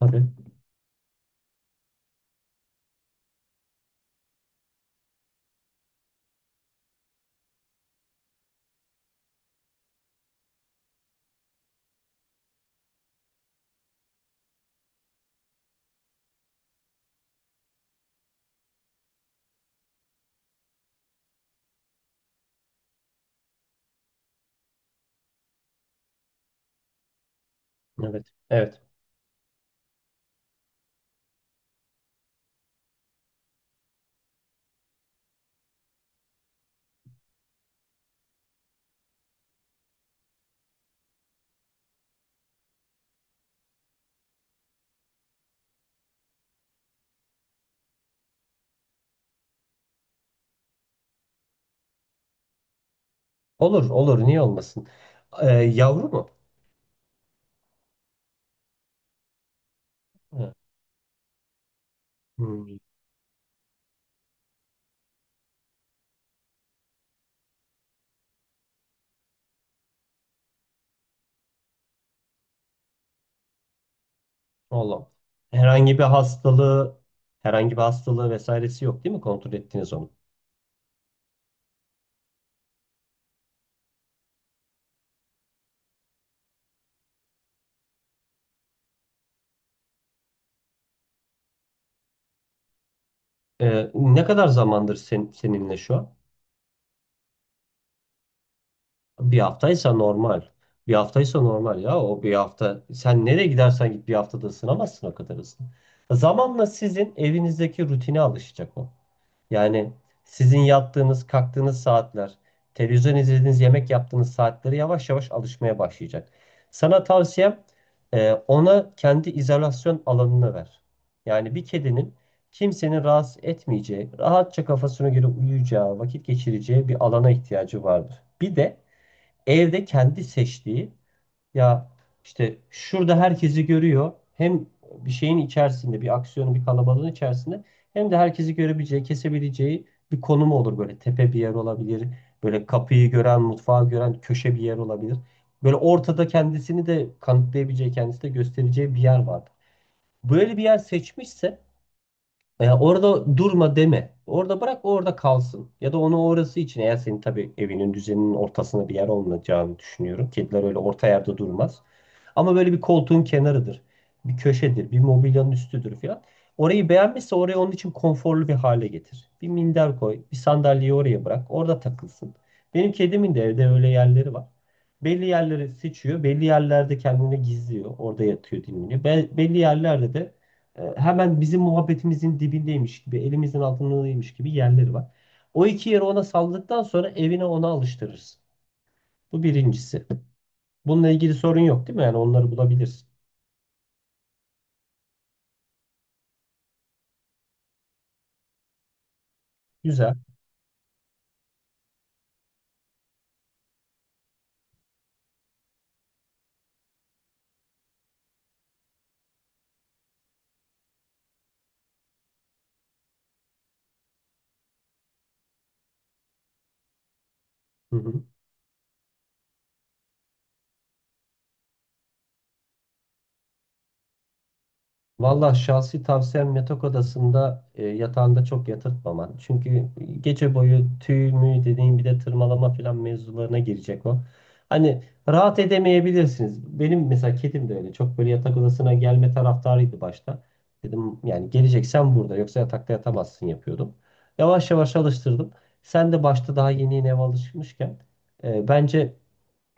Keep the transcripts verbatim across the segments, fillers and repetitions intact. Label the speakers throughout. Speaker 1: Tabii. Evet. Evet. Olur, olur. Niye olmasın? Ee, yavru mu? Ha, Hmm. Oğlum. Herhangi bir hastalığı, Herhangi bir hastalığı vesairesi yok değil mi? Kontrol ettiniz onu. Ee, ne kadar zamandır sen, seninle şu an? Bir haftaysa normal. Bir haftaysa normal ya. O bir hafta. Sen nereye gidersen git bir haftada ısınamazsın o kadar hızlı. Zamanla sizin evinizdeki rutine alışacak o. Yani sizin yattığınız, kalktığınız saatler, televizyon izlediğiniz, yemek yaptığınız saatleri yavaş yavaş alışmaya başlayacak. Sana tavsiyem e, ona kendi izolasyon alanını ver. Yani bir kedinin kimsenin rahatsız etmeyeceği, rahatça kafasına göre uyuyacağı, vakit geçireceği bir alana ihtiyacı vardır. Bir de evde kendi seçtiği ya, işte şurada herkesi görüyor. Hem bir şeyin içerisinde, bir aksiyonun, bir kalabalığın içerisinde hem de herkesi görebileceği, kesebileceği bir konumu olur böyle. Tepe bir yer olabilir. Böyle kapıyı gören, mutfağı gören köşe bir yer olabilir. Böyle ortada kendisini de kanıtlayabileceği, kendisi de göstereceği bir yer vardır. Böyle bir yer seçmişse e, orada durma deme. Orada bırak, o orada kalsın. Ya da onu orası için, eğer senin tabii evinin düzeninin ortasında bir yer olmayacağını düşünüyorum. Kediler öyle orta yerde durmaz. Ama böyle bir koltuğun kenarıdır. Bir köşedir. Bir mobilyanın üstüdür falan. Orayı beğenmişse orayı onun için konforlu bir hale getir. Bir minder koy. Bir sandalyeyi oraya bırak. Orada takılsın. Benim kedimin de evde öyle yerleri var. Belli yerleri seçiyor. Belli yerlerde kendini gizliyor. Orada yatıyor, dinleniyor. Be- belli yerlerde de e, hemen bizim muhabbetimizin dibindeymiş gibi, elimizin altındaymış gibi yerleri var. O iki yeri ona salladıktan sonra evine ona alıştırırız. Bu birincisi. Bununla ilgili sorun yok değil mi? Yani onları bulabilirsin. Güzel. Hı hı. Valla şahsi tavsiyem yatak odasında e, yatağında çok yatırtmaman. Çünkü gece boyu tüy mü dediğin, bir de tırmalama falan mevzularına girecek o. Hani rahat edemeyebilirsiniz. Benim mesela kedim de öyle. Çok böyle yatak odasına gelme taraftarıydı başta. Dedim yani geleceksen burada, yoksa yatakta yatamazsın yapıyordum. Yavaş yavaş alıştırdım. Sen de başta daha yeni yeni eve alışmışken e, bence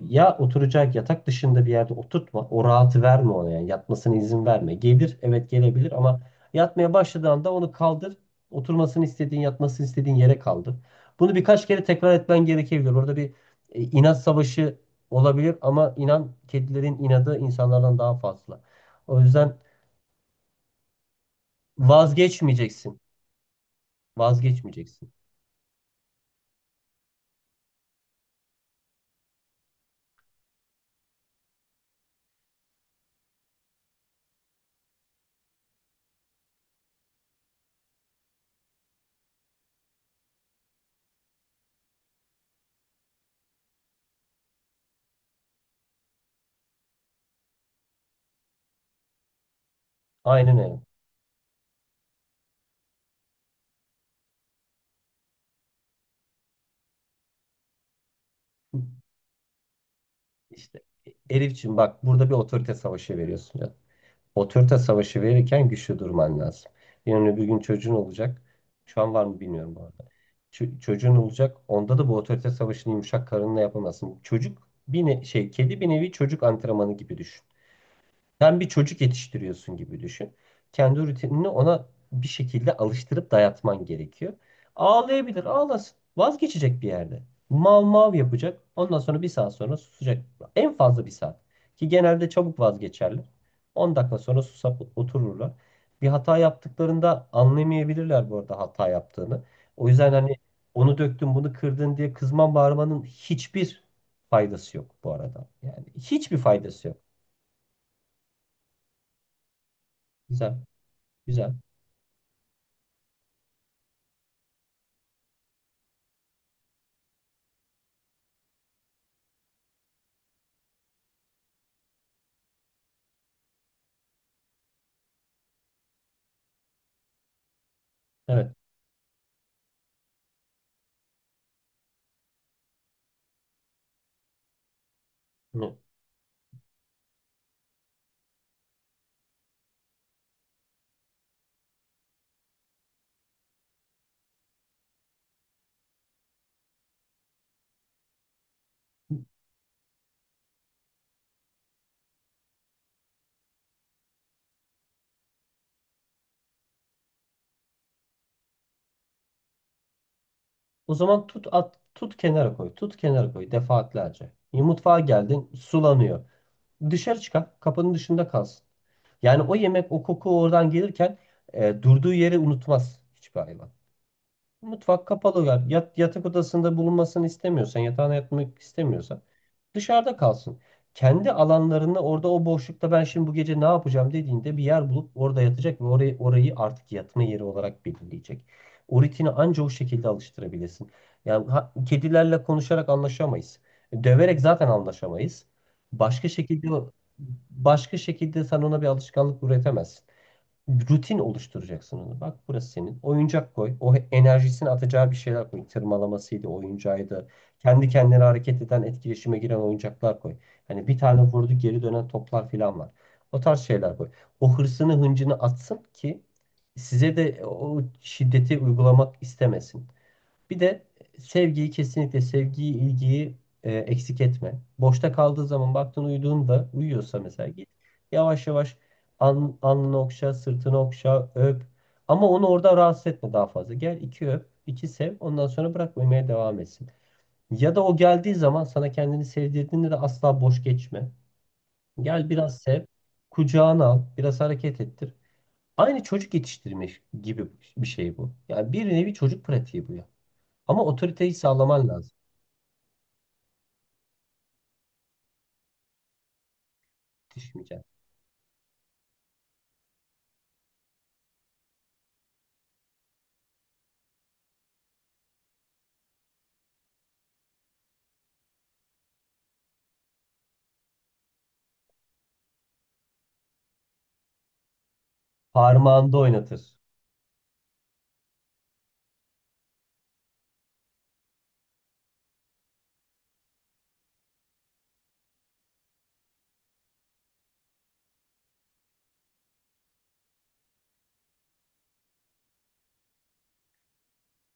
Speaker 1: ya oturacak, yatak dışında bir yerde oturtma. O rahatı verme ona yani. Yatmasına izin verme. Gelir, evet gelebilir ama yatmaya başladığı anda onu kaldır. Oturmasını istediğin, yatmasını istediğin yere kaldır. Bunu birkaç kere tekrar etmen gerekebilir. Orada bir e, inat savaşı olabilir ama inan, kedilerin inadı insanlardan daha fazla. O yüzden vazgeçmeyeceksin. Vazgeçmeyeceksin. Aynen öyle. İşte Elifçim, bak, burada bir otorite savaşı veriyorsun ya. Otorite savaşı verirken güçlü durman lazım. Yarın öbür gün çocuğun olacak. Şu an var mı bilmiyorum bu arada. Ço- çocuğun olacak. Onda da bu otorite savaşını yumuşak karınla yapamazsın. Çocuk bir ne- şey kedi bir nevi çocuk antrenmanı gibi düşün. Sen bir çocuk yetiştiriyorsun gibi düşün. Kendi rutinini ona bir şekilde alıştırıp dayatman gerekiyor. Ağlayabilir, ağlasın. Vazgeçecek bir yerde. Mav mav yapacak. Ondan sonra bir saat sonra susacak. En fazla bir saat. Ki genelde çabuk vazgeçerler. On dakika sonra susap otururlar. Bir hata yaptıklarında anlamayabilirler bu arada, hata yaptığını. O yüzden hani onu döktün, bunu kırdın diye kızman bağırmanın hiçbir faydası yok bu arada. Yani hiçbir faydası yok. Güzel, güzel. Evet. Ne? O zaman tut at, tut kenara koy. Tut kenara koy defaatlerce. Y- Mutfağa geldin, sulanıyor. Dışarı çıkar. Kapının dışında kalsın. Yani o yemek, o koku oradan gelirken e, durduğu yeri unutmaz hiçbir hayvan. Mutfak kapalı ver. Yat, yatak odasında bulunmasını istemiyorsan, yatağına yatmak istemiyorsan dışarıda kalsın. Kendi alanlarında, orada o boşlukta, ben şimdi bu gece ne yapacağım dediğinde bir yer bulup orada yatacak ve orayı, orayı artık yatma yeri olarak belirleyecek. O rutini anca o şekilde alıştırabilirsin. Yani ha- kedilerle konuşarak anlaşamayız. Döverek zaten anlaşamayız. Başka şekilde Başka şekilde sen ona bir alışkanlık üretemezsin, rutin oluşturacaksın onu. Bak, burası senin. Oyuncak koy. O enerjisini atacağı bir şeyler koy. Tırmalamasıydı, oyuncağıydı. Kendi kendine hareket eden, etkileşime giren oyuncaklar koy. Hani bir tane vurdu, geri dönen toplar falan var. O tarz şeyler koy. O hırsını, hıncını atsın ki size de o şiddeti uygulamak istemesin. Bir de sevgiyi, kesinlikle sevgiyi, ilgiyi e, eksik etme. Boşta kaldığı zaman, baktın uyuduğunda, uyuyorsa mesela git yavaş yavaş an, alnını okşa, sırtını okşa, öp. Ama onu orada rahatsız etme daha fazla. Gel, iki öp, iki sev. Ondan sonra bırak, uyumaya devam etsin. Ya da o geldiği zaman, sana kendini sevdirdiğinde de asla boş geçme. Gel biraz sev, kucağına al, biraz hareket ettir. Aynı çocuk yetiştirme gibi bir şey bu. Yani bir nevi çocuk pratiği bu ya. Ama otoriteyi sağlaman lazım. Yetişmeyeceksin. Parmağında oynatır.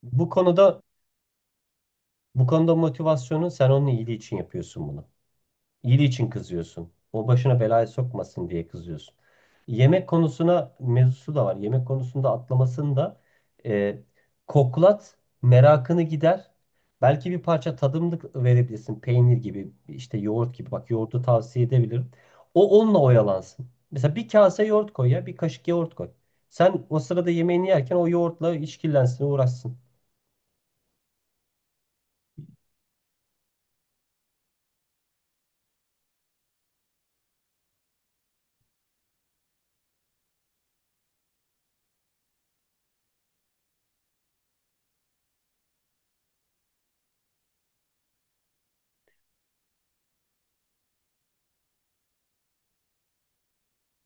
Speaker 1: Bu konuda Bu konuda motivasyonu sen onun iyiliği için yapıyorsun bunu. İyiliği için kızıyorsun. O başına belaya sokmasın diye kızıyorsun. Yemek konusuna, mevzusu da var. Yemek konusunda atlamasını da e, koklat, merakını gider. Belki bir parça tadımlık verebilirsin. Peynir gibi, işte yoğurt gibi. Bak, yoğurdu tavsiye edebilirim. O onunla oyalansın. Mesela bir kase yoğurt koy ya, bir kaşık yoğurt koy. Sen o sırada yemeğini yerken o yoğurtla işkillensin, uğraşsın.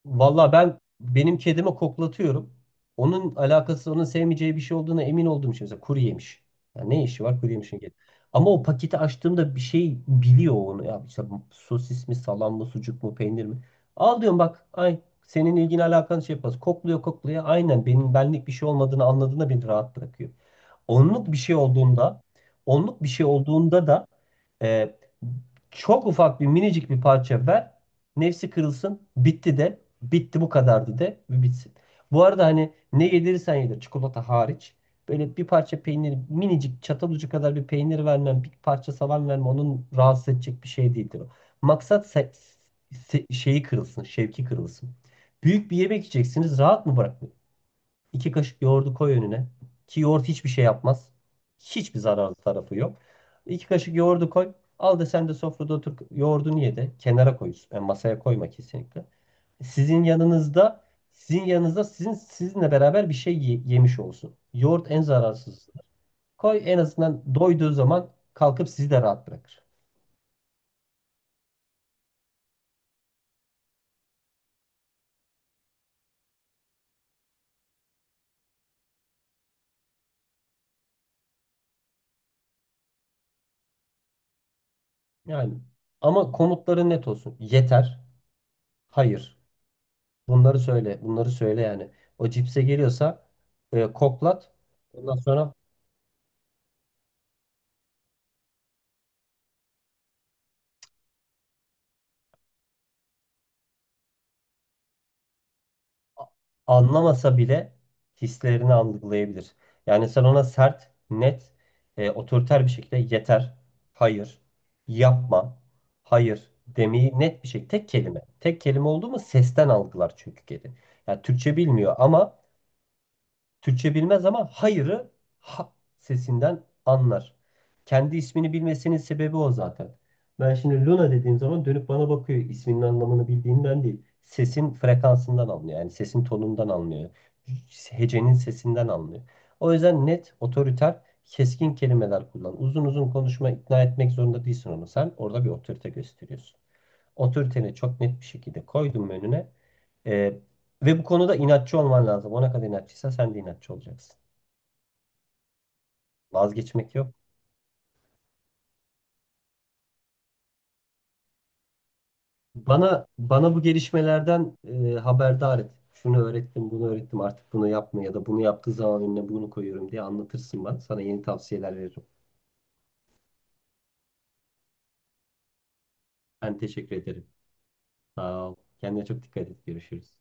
Speaker 1: Valla ben benim kedime koklatıyorum. Onun alakası, onun sevmeyeceği bir şey olduğuna emin olduğum için. Mesela kuru yemiş. Ya ne işi var kuru yemişin, kedi. Ama o paketi açtığımda bir şey biliyor onu. Ya işte sosis mi, salam mı, sucuk mu, peynir mi? Al diyorum, bak. Ay, senin ilgin alakan şey yapmaz. Kokluyor, kokluyor. Aynen, benim benlik bir şey olmadığını anladığında beni rahat bırakıyor. Onluk bir şey olduğunda, Onluk bir şey olduğunda da e, çok ufak, bir minicik bir parça ver. Nefsi kırılsın. Bitti de. Bitti, bu kadardı de. Ve bitsin. Bu arada hani ne yedirirsen yedir. Çikolata hariç. Böyle bir parça peynir, minicik, çatal ucu kadar bir peynir vermem. Bir parça salam vermem. Onun rahatsız edecek bir şey değildir o. Maksat se- se- şeyi kırılsın. Şevki kırılsın. Büyük bir yemek yiyeceksiniz. Rahat mı bırak? İki kaşık yoğurdu koy önüne. Ki yoğurt hiçbir şey yapmaz. Hiçbir zararlı tarafı yok. İki kaşık yoğurdu koy. Al da sen de sofrada otur, yoğurdunu ye de kenara koy. Yani masaya koyma kesinlikle. Sizin yanınızda Sizin yanınızda sizin sizinle beraber bir şey ye- yemiş olsun. Yoğurt en zararsız. Koy, en azından doyduğu zaman kalkıp sizi de rahat bırakır. Yani ama komutları net olsun. Yeter. Hayır. Bunları söyle, bunları söyle yani. O cipse geliyorsa e, koklat. Ondan sonra anlamasa bile hislerini algılayabilir. Yani sen ona sert, net, e, otoriter bir şekilde yeter, hayır, yapma, hayır demeyi, net bir şekilde tek kelime. Tek kelime oldu mu sesten algılar çünkü kedi. Yani Türkçe bilmiyor ama Türkçe bilmez ama hayırı ha sesinden anlar. Kendi ismini bilmesinin sebebi o zaten. Ben şimdi Luna dediğim zaman dönüp bana bakıyor. İsminin anlamını bildiğinden değil. Sesin frekansından anlıyor. Yani sesin tonundan anlıyor. Hecenin sesinden anlıyor. O yüzden net, otoriter, keskin kelimeler kullan. Uzun uzun konuşma, ikna etmek zorunda değilsin onu. Sen orada bir otorite gösteriyorsun. Otoriteni çok net bir şekilde koydun önüne. Ee, Ve bu konuda inatçı olman lazım. Ona kadar inatçıysa sen de inatçı olacaksın. Vazgeçmek yok. Bana bana bu gelişmelerden e, haberdar et. Şunu öğrettim, bunu öğrettim. Artık bunu yapma ya da bunu yaptığı zaman önüne bunu koyuyorum diye anlatırsın bana. Sana yeni tavsiyeler veririm. Ben teşekkür ederim. Sağ ol. Kendine çok dikkat et. Görüşürüz.